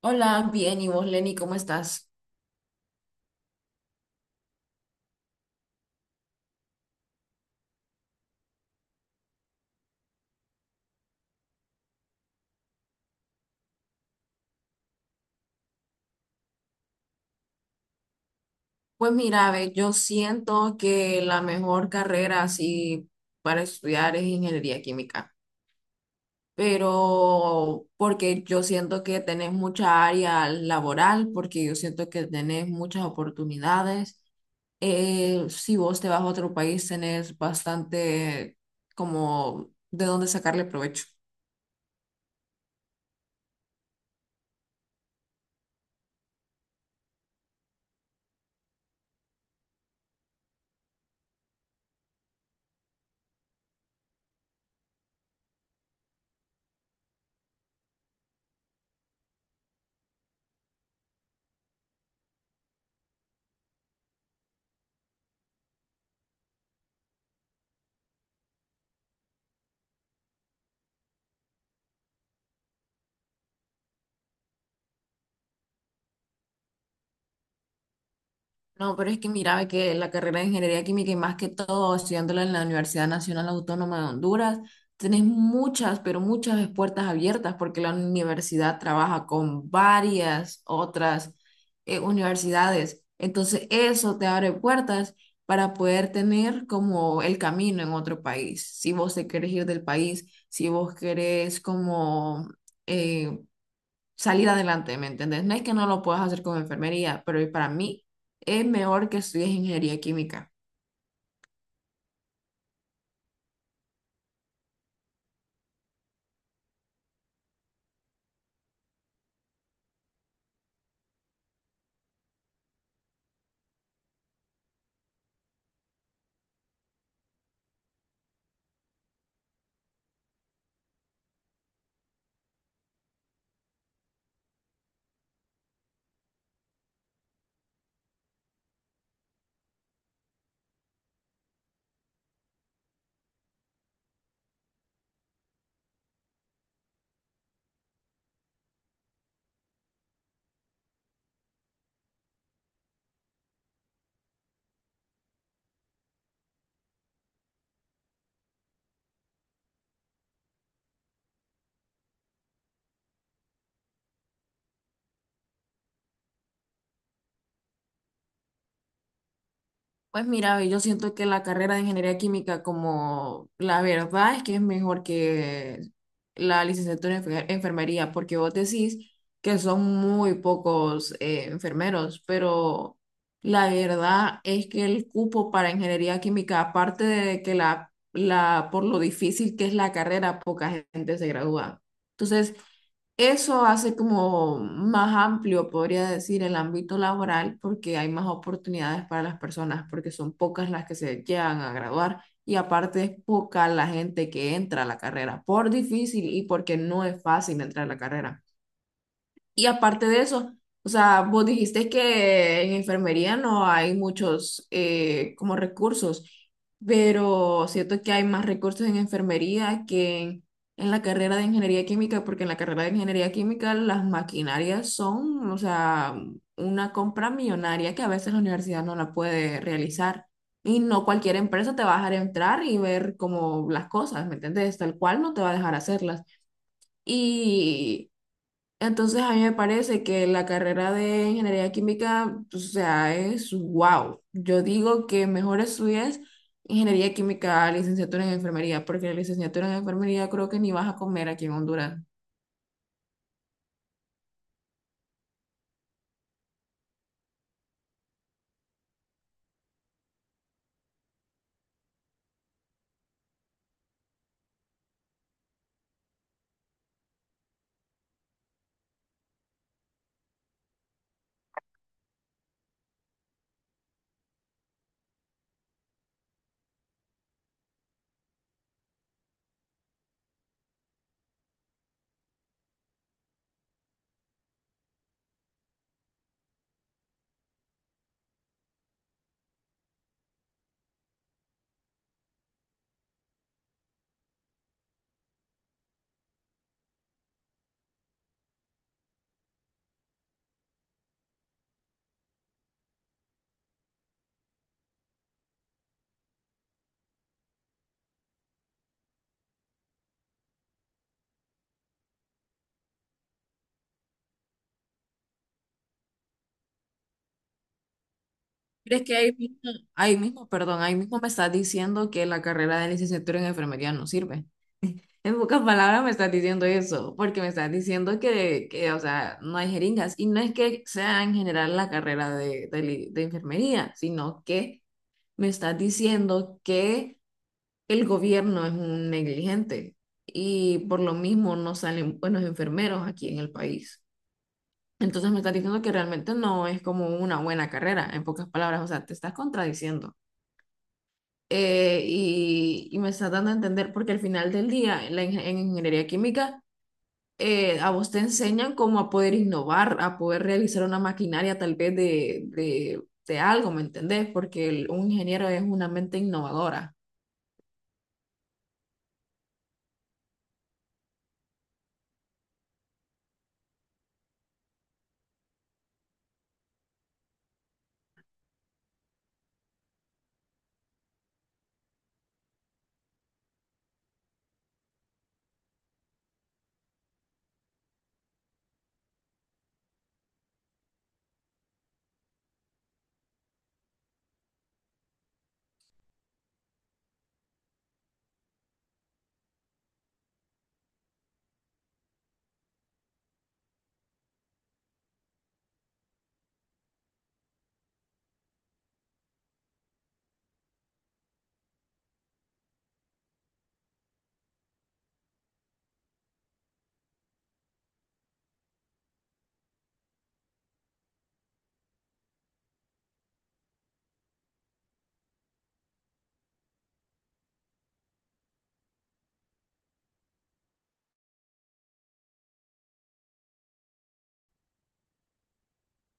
Hola, bien, ¿y vos, Lenny, cómo estás? Pues mira, ve, yo siento que la mejor carrera así para estudiar es ingeniería química, pero porque yo siento que tenés mucha área laboral, porque yo siento que tenés muchas oportunidades. Si vos te vas a otro país, tenés bastante como de dónde sacarle provecho. No, pero es que miraba que la carrera de ingeniería química y más que todo estudiándola en la Universidad Nacional Autónoma de Honduras, tenés muchas, pero muchas puertas abiertas porque la universidad trabaja con varias otras universidades. Entonces eso te abre puertas para poder tener como el camino en otro país. Si vos te querés ir del país, si vos querés como eh, salir adelante, ¿me entiendes? No es que no lo puedas hacer con enfermería, pero para mí es mejor que estudies ingeniería química. Pues mira, yo siento que la carrera de ingeniería química, como la verdad es que es mejor que la licenciatura en enfermería, porque vos decís que son muy pocos enfermeros, pero la verdad es que el cupo para ingeniería química, aparte de que la por lo difícil que es la carrera, poca gente se gradúa. Entonces, eso hace como más amplio, podría decir, el ámbito laboral porque hay más oportunidades para las personas, porque son pocas las que se llegan a graduar y aparte es poca la gente que entra a la carrera por difícil y porque no es fácil entrar a la carrera. Y aparte de eso, o sea, vos dijiste que en enfermería no hay muchos como recursos, pero siento que hay más recursos en enfermería que en la carrera de ingeniería química, porque en la carrera de ingeniería química las maquinarias son, o sea, una compra millonaria que a veces la universidad no la puede realizar. Y no cualquier empresa te va a dejar entrar y ver como las cosas, ¿me entiendes? Tal cual no te va a dejar hacerlas. Y entonces a mí me parece que la carrera de ingeniería química, o sea, es wow. Yo digo que mejor estudies ingeniería química, licenciatura en enfermería, porque la licenciatura en enfermería creo que ni vas a comer aquí en Honduras. ¿Crees que ahí mismo, perdón, ahí mismo me estás diciendo que la carrera de licenciatura en enfermería no sirve? En pocas palabras me estás diciendo eso, porque me estás diciendo que, o sea, no hay jeringas. Y no es que sea en general la carrera de de enfermería, sino que me estás diciendo que el gobierno es un negligente y por lo mismo no salen buenos enfermeros aquí en el país. Entonces me estás diciendo que realmente no es como una buena carrera, en pocas palabras, o sea, te estás contradiciendo. Y me estás dando a entender, porque al final del día, en ingeniería química, a vos te enseñan cómo a poder innovar, a poder realizar una maquinaria tal vez de algo, ¿me entendés? Porque un ingeniero es una mente innovadora.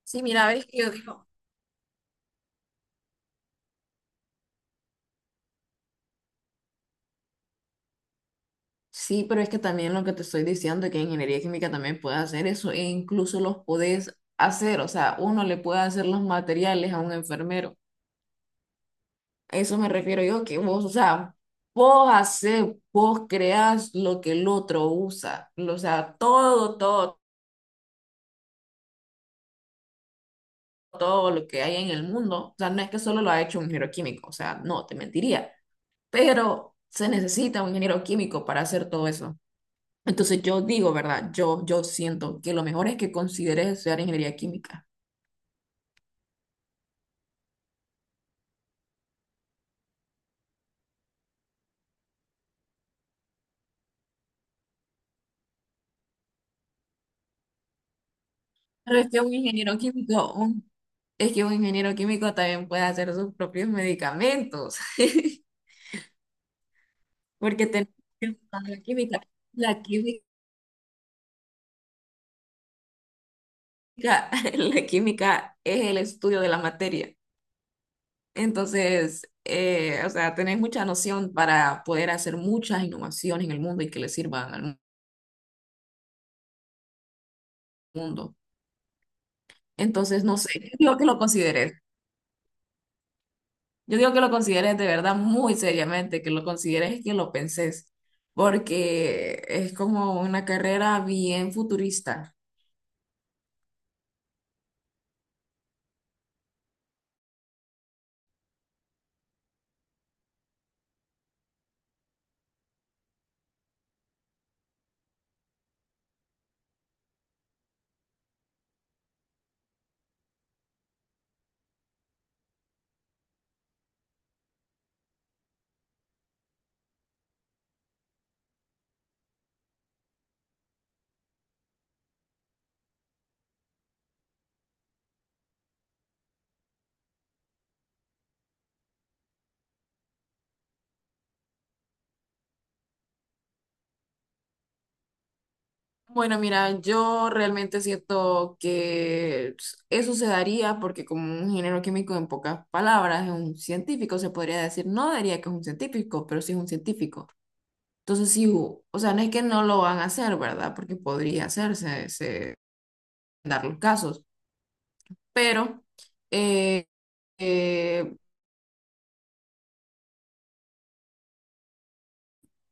Sí, mira, ves que yo digo. Sí, pero es que también lo que te estoy diciendo, que ingeniería química también puede hacer eso, e incluso los podés hacer, o sea, uno le puede hacer los materiales a un enfermero. A eso me refiero yo, que vos, o sea, vos hacés, vos creás lo que el otro usa, o sea, todo, todo lo que hay en el mundo, o sea, no es que solo lo ha hecho un ingeniero químico, o sea, no, te mentiría, pero se necesita un ingeniero químico para hacer todo eso. Entonces yo digo, ¿verdad? Yo siento que lo mejor es que consideres estudiar ingeniería química. Pero es que un ingeniero químico, es que un ingeniero químico también puede hacer sus propios medicamentos, porque tenemos que usar la química. La química, la química es el estudio de la materia. Entonces, o sea, tenés mucha noción para poder hacer muchas innovaciones en el mundo y que le sirvan al mundo. Entonces, no sé, yo digo que lo consideres. Yo digo que lo consideres de verdad muy seriamente, que lo consideres y que lo penses, porque es como una carrera bien futurista. Bueno, mira, yo realmente siento que eso se daría porque como un ingeniero químico en pocas palabras es un científico, se podría decir, no diría que es un científico, pero sí es un científico. Entonces sí, o sea, no es que no lo van a hacer, ¿verdad? Porque podría hacerse, dar los casos, pero eh, eh,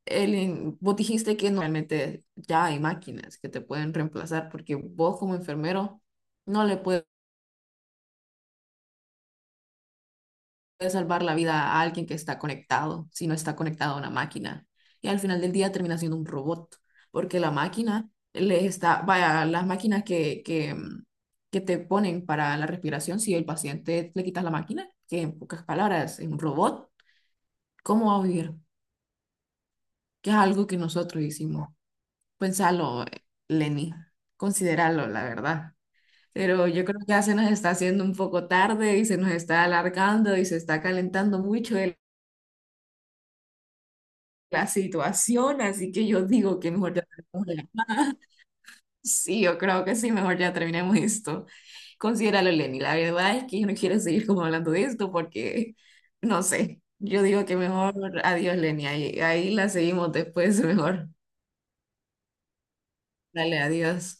el, vos dijiste que normalmente ya hay máquinas que te pueden reemplazar porque vos como enfermero no le puedes salvar la vida a alguien que está conectado si no está conectado a una máquina. Y al final del día termina siendo un robot porque la máquina le está, vaya, las máquinas que que te ponen para la respiración, si el paciente le quitas la máquina, que en pocas palabras es un robot, ¿cómo va a vivir? Que es algo que nosotros hicimos. Pensalo, Lenny, considéralo, la verdad. Pero yo creo que ya se nos está haciendo un poco tarde y se nos está alargando y se está calentando mucho la situación, así que yo digo que mejor ya terminemos la llamada. Sí, yo creo que sí, mejor ya terminemos esto. Considéralo, Lenny. La verdad es que yo no quiero seguir como hablando de esto porque, no sé, yo digo que mejor adiós, Lenny. Ahí la seguimos después, mejor. Dale, adiós.